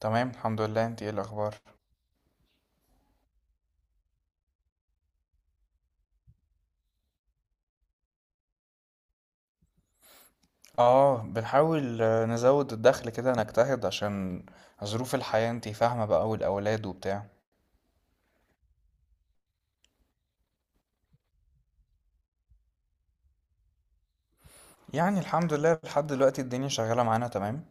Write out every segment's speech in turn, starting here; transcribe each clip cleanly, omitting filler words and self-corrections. تمام الحمد لله، انت ايه الاخبار؟ اه بنحاول نزود الدخل كده، نجتهد عشان ظروف الحياة انت فاهمة بقى، والاولاد وبتاع. يعني الحمد لله لحد دلوقتي الدنيا شغالة معانا تمام.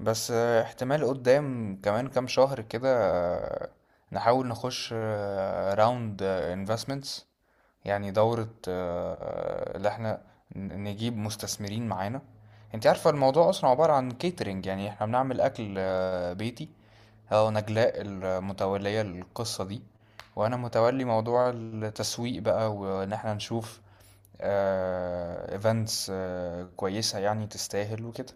بس احتمال قدام كمان كام شهر كده نحاول نخش راوند انفستمنتس، يعني دورة اللي احنا نجيب مستثمرين معانا. انت عارفة الموضوع اصلا عبارة عن كيترينج، يعني احنا بنعمل اكل بيتي. اه، نجلاء المتولية للقصة دي، وانا متولي موضوع التسويق بقى، وان احنا نشوف ايفنتس كويسة يعني تستاهل وكده.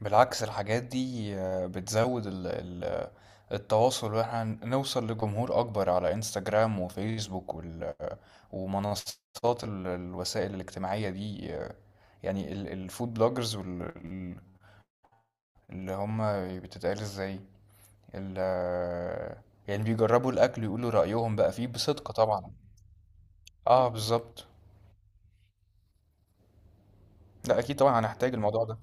بالعكس الحاجات دي بتزود التواصل، واحنا نوصل لجمهور اكبر على انستجرام وفيسبوك ومنصات الوسائل الاجتماعية دي يعني الفود بلوجرز، اللي هم بتتقال ازاي، ال يعني بيجربوا الأكل ويقولوا رأيهم بقى فيه بصدق طبعا. اه بالظبط. لا أكيد طبعا هنحتاج الموضوع ده.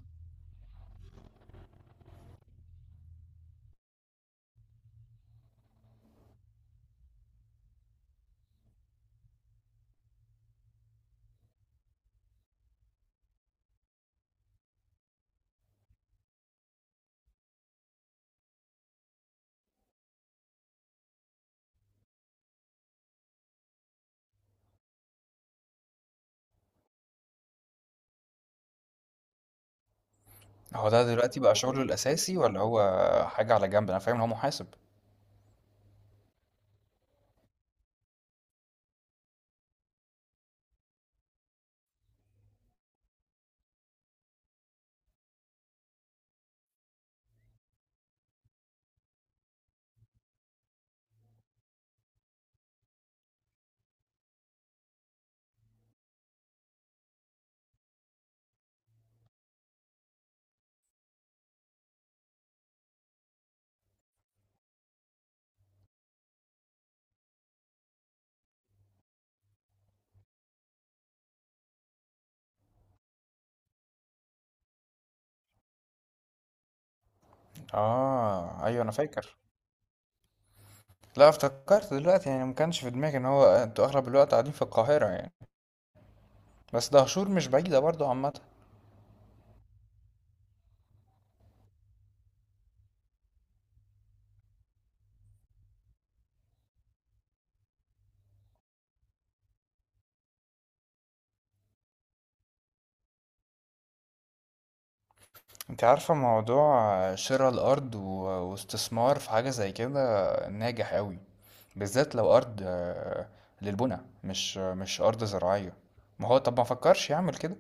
هو ده دلوقتي بقى شغله الأساسي ولا هو حاجة على جنب؟ أنا فاهم إن هو محاسب. اه أيوه أنا فاكر. لا، افتكرت دلوقتي، يعني ما كانش في دماغي إن هو، أنتوا أغلب الوقت قاعدين في القاهرة يعني. بس دهشور مش بعيدة برضو عامة. أنت عارفة موضوع شراء الأرض واستثمار في حاجة زي كده ناجح أوي، بالذات لو أرض للبنى، مش مش أرض زراعية. ما هو طب ما فكرش يعمل كده؟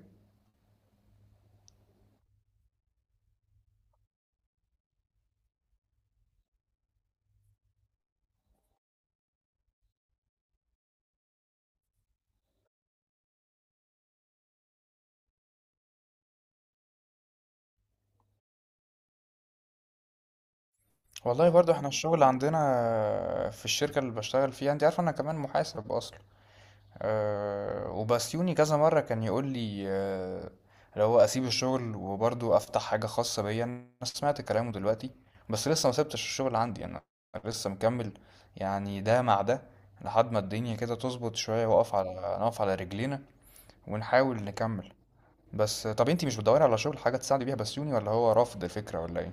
والله برضو احنا الشغل عندنا في الشركة اللي بشتغل فيها، انت عارف انا كمان محاسب اصلا. أه، وبسيوني كذا مرة كان يقول لي اللي هو اسيب الشغل وبرضو افتح حاجة خاصة بيا. انا سمعت كلامه دلوقتي، بس لسه ما سبتش الشغل عندي، انا لسه مكمل، يعني ده مع ده، لحد ما الدنيا كده تظبط شوية، واقف على، نقف على رجلينا ونحاول نكمل. بس طب انتي مش بتدوري على شغل، حاجة تساعدي بيها بسيوني، ولا هو رافض الفكرة ولا ايه؟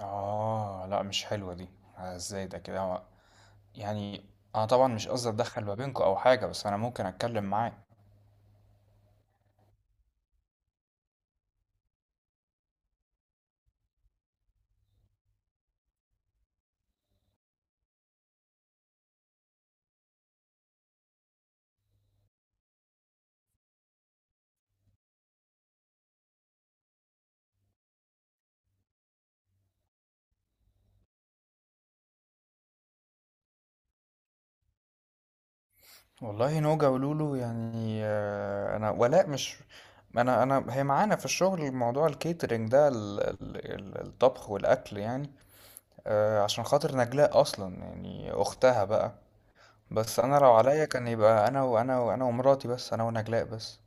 اه لا مش حلوة دي، ازاي ده كده؟ يعني انا طبعا مش قصدي اتدخل ما بينكم او حاجة، بس انا ممكن اتكلم معاه. والله نوجا ولولو يعني انا ولاء مش، انا هي معانا في الشغل، موضوع الكيترينج ده الطبخ والاكل يعني عشان خاطر نجلاء اصلا، يعني اختها بقى. بس انا لو عليا كان يبقى انا وانا وانا ومراتي بس، انا ونجلاء بس.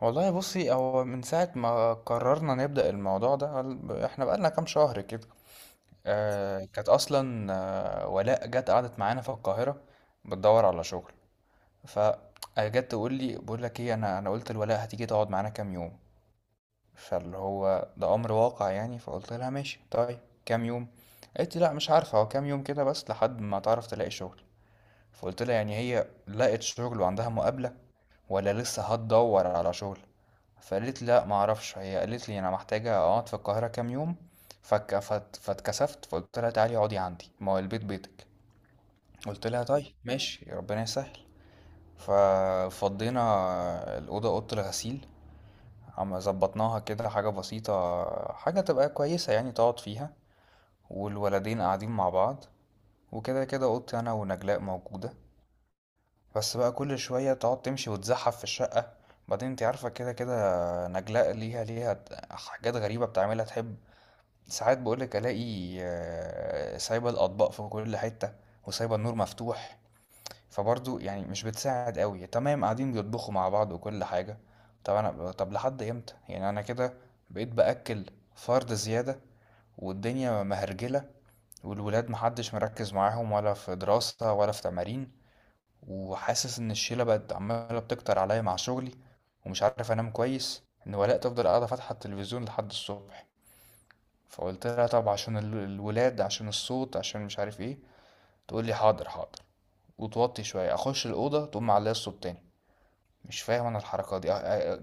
والله بصي، هو من ساعة ما قررنا نبدأ الموضوع ده احنا بقالنا كام شهر كده. كانت أصلا ولاء جت قعدت معانا في القاهرة بتدور على شغل. فجت تقول لي بقول لك ايه، أنا قلت لولاء هتيجي تقعد معانا كام يوم، فاللي هو ده أمر واقع يعني. فقلت لها ماشي طيب، كام يوم؟ قالت لي لا مش عارفة، هو كام يوم كده بس لحد ما تعرف تلاقي شغل. فقلت لها يعني هي لقت شغل وعندها مقابلة ولا لسه هتدور على شغل؟ فقالت لا معرفش، هي قالت لي انا محتاجه اقعد في القاهره كام يوم. فك فت فاتكسفت، فقلت لها تعالي اقعدي عندي، ما هو البيت بيتك. قلت لها طيب ماشي ربنا يسهل. ففضينا الاوضه، اوضه الغسيل، اما ظبطناها كده، حاجه بسيطه، حاجه تبقى كويسه يعني تقعد فيها. والولدين قاعدين مع بعض، وكده كده اوضتي انا ونجلاء موجوده. بس بقى كل شوية تقعد تمشي وتزحف في الشقة. بعدين انت عارفة كده كده نجلاء ليها حاجات غريبة بتعملها تحب. ساعات بقولك ألاقي سايبة الأطباق في كل حتة، وسايبة النور مفتوح. فبرضه يعني مش بتساعد قوي، تمام قاعدين بيطبخوا مع بعض وكل حاجة. طب أنا، طب لحد إمتى يعني؟ أنا كده بقيت بأكل فرد زيادة، والدنيا مهرجلة، والولاد محدش مركز معاهم ولا في دراسة ولا في تمارين. وحاسس ان الشيله بقت عماله بتكتر عليا مع شغلي، ومش عارف انام كويس، ان ولاء تفضل قاعده فاتحه التلفزيون لحد الصبح. فقلت لها طب عشان الولاد، عشان الصوت، عشان مش عارف ايه، تقول لي حاضر حاضر وتوطي شويه، اخش الاوضه تقوم معليه الصوت تاني. مش فاهم انا الحركه دي.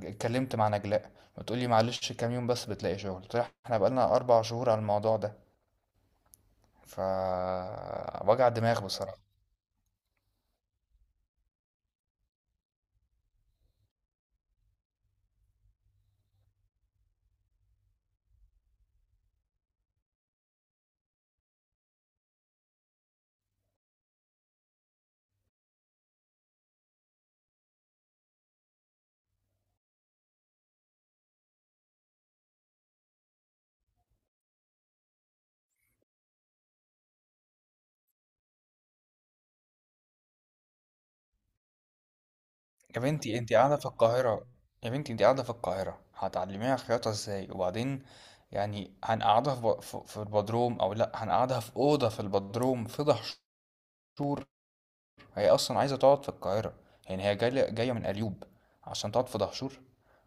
اتكلمت مع نجلاء بتقول لي معلش كام يوم بس بتلاقي شغل. قلت لها احنا بقالنا اربع شهور على الموضوع ده، ف وجع دماغ بصراحه. يا بنتي انت قاعدة في القاهرة، يا بنتي انت قاعدة في القاهرة هتعلميها خياطة ازاي؟ وبعدين يعني هنقعدها في, ب- في, في البدروم، او لا هنقعدها في أوضة في البدروم في دهشور؟ هي اصلا عايزة تقعد في القاهرة، يعني هي جاية من قليوب عشان تقعد في دهشور؟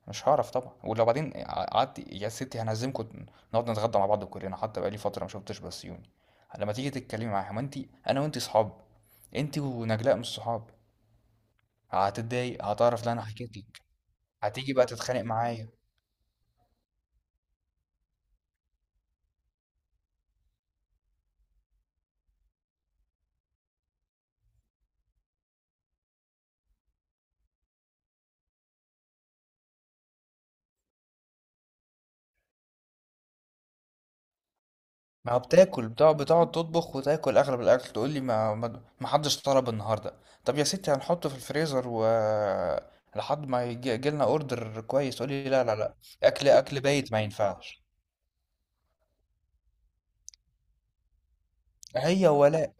مش هعرف طبعا. ولو بعدين قعدت يا ستي هنعزمكم، نقعد نتغدى مع بعض كلنا، حتى بقالي فترة ما شفتش بسيوني. لما تيجي تتكلمي معاها، ما انت، انا وانت صحاب، انت ونجلاء مش صحاب، هتتضايق، هتعرف لا انا حكيت، هتيجي بقى تتخانق معايا. ما هو بتاكل، بتقعد تطبخ وتاكل اغلب الاكل، تقول لي ما حدش طلب النهارده. طب يا ستي هنحطه في الفريزر و، لحد ما يجي لنا اوردر كويس، تقول لي لا لا لا، اكل اكل بايت ما ينفعش. هي ولاء.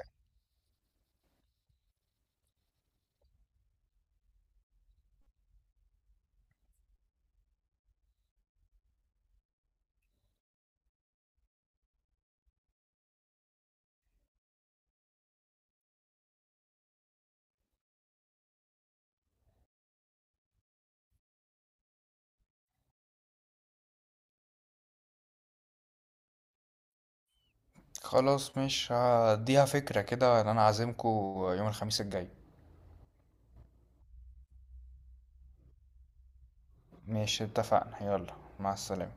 خلاص مش هديها فكرة كده ان انا عازمكم يوم الخميس الجاي. ماشي اتفقنا، يلا مع السلامة.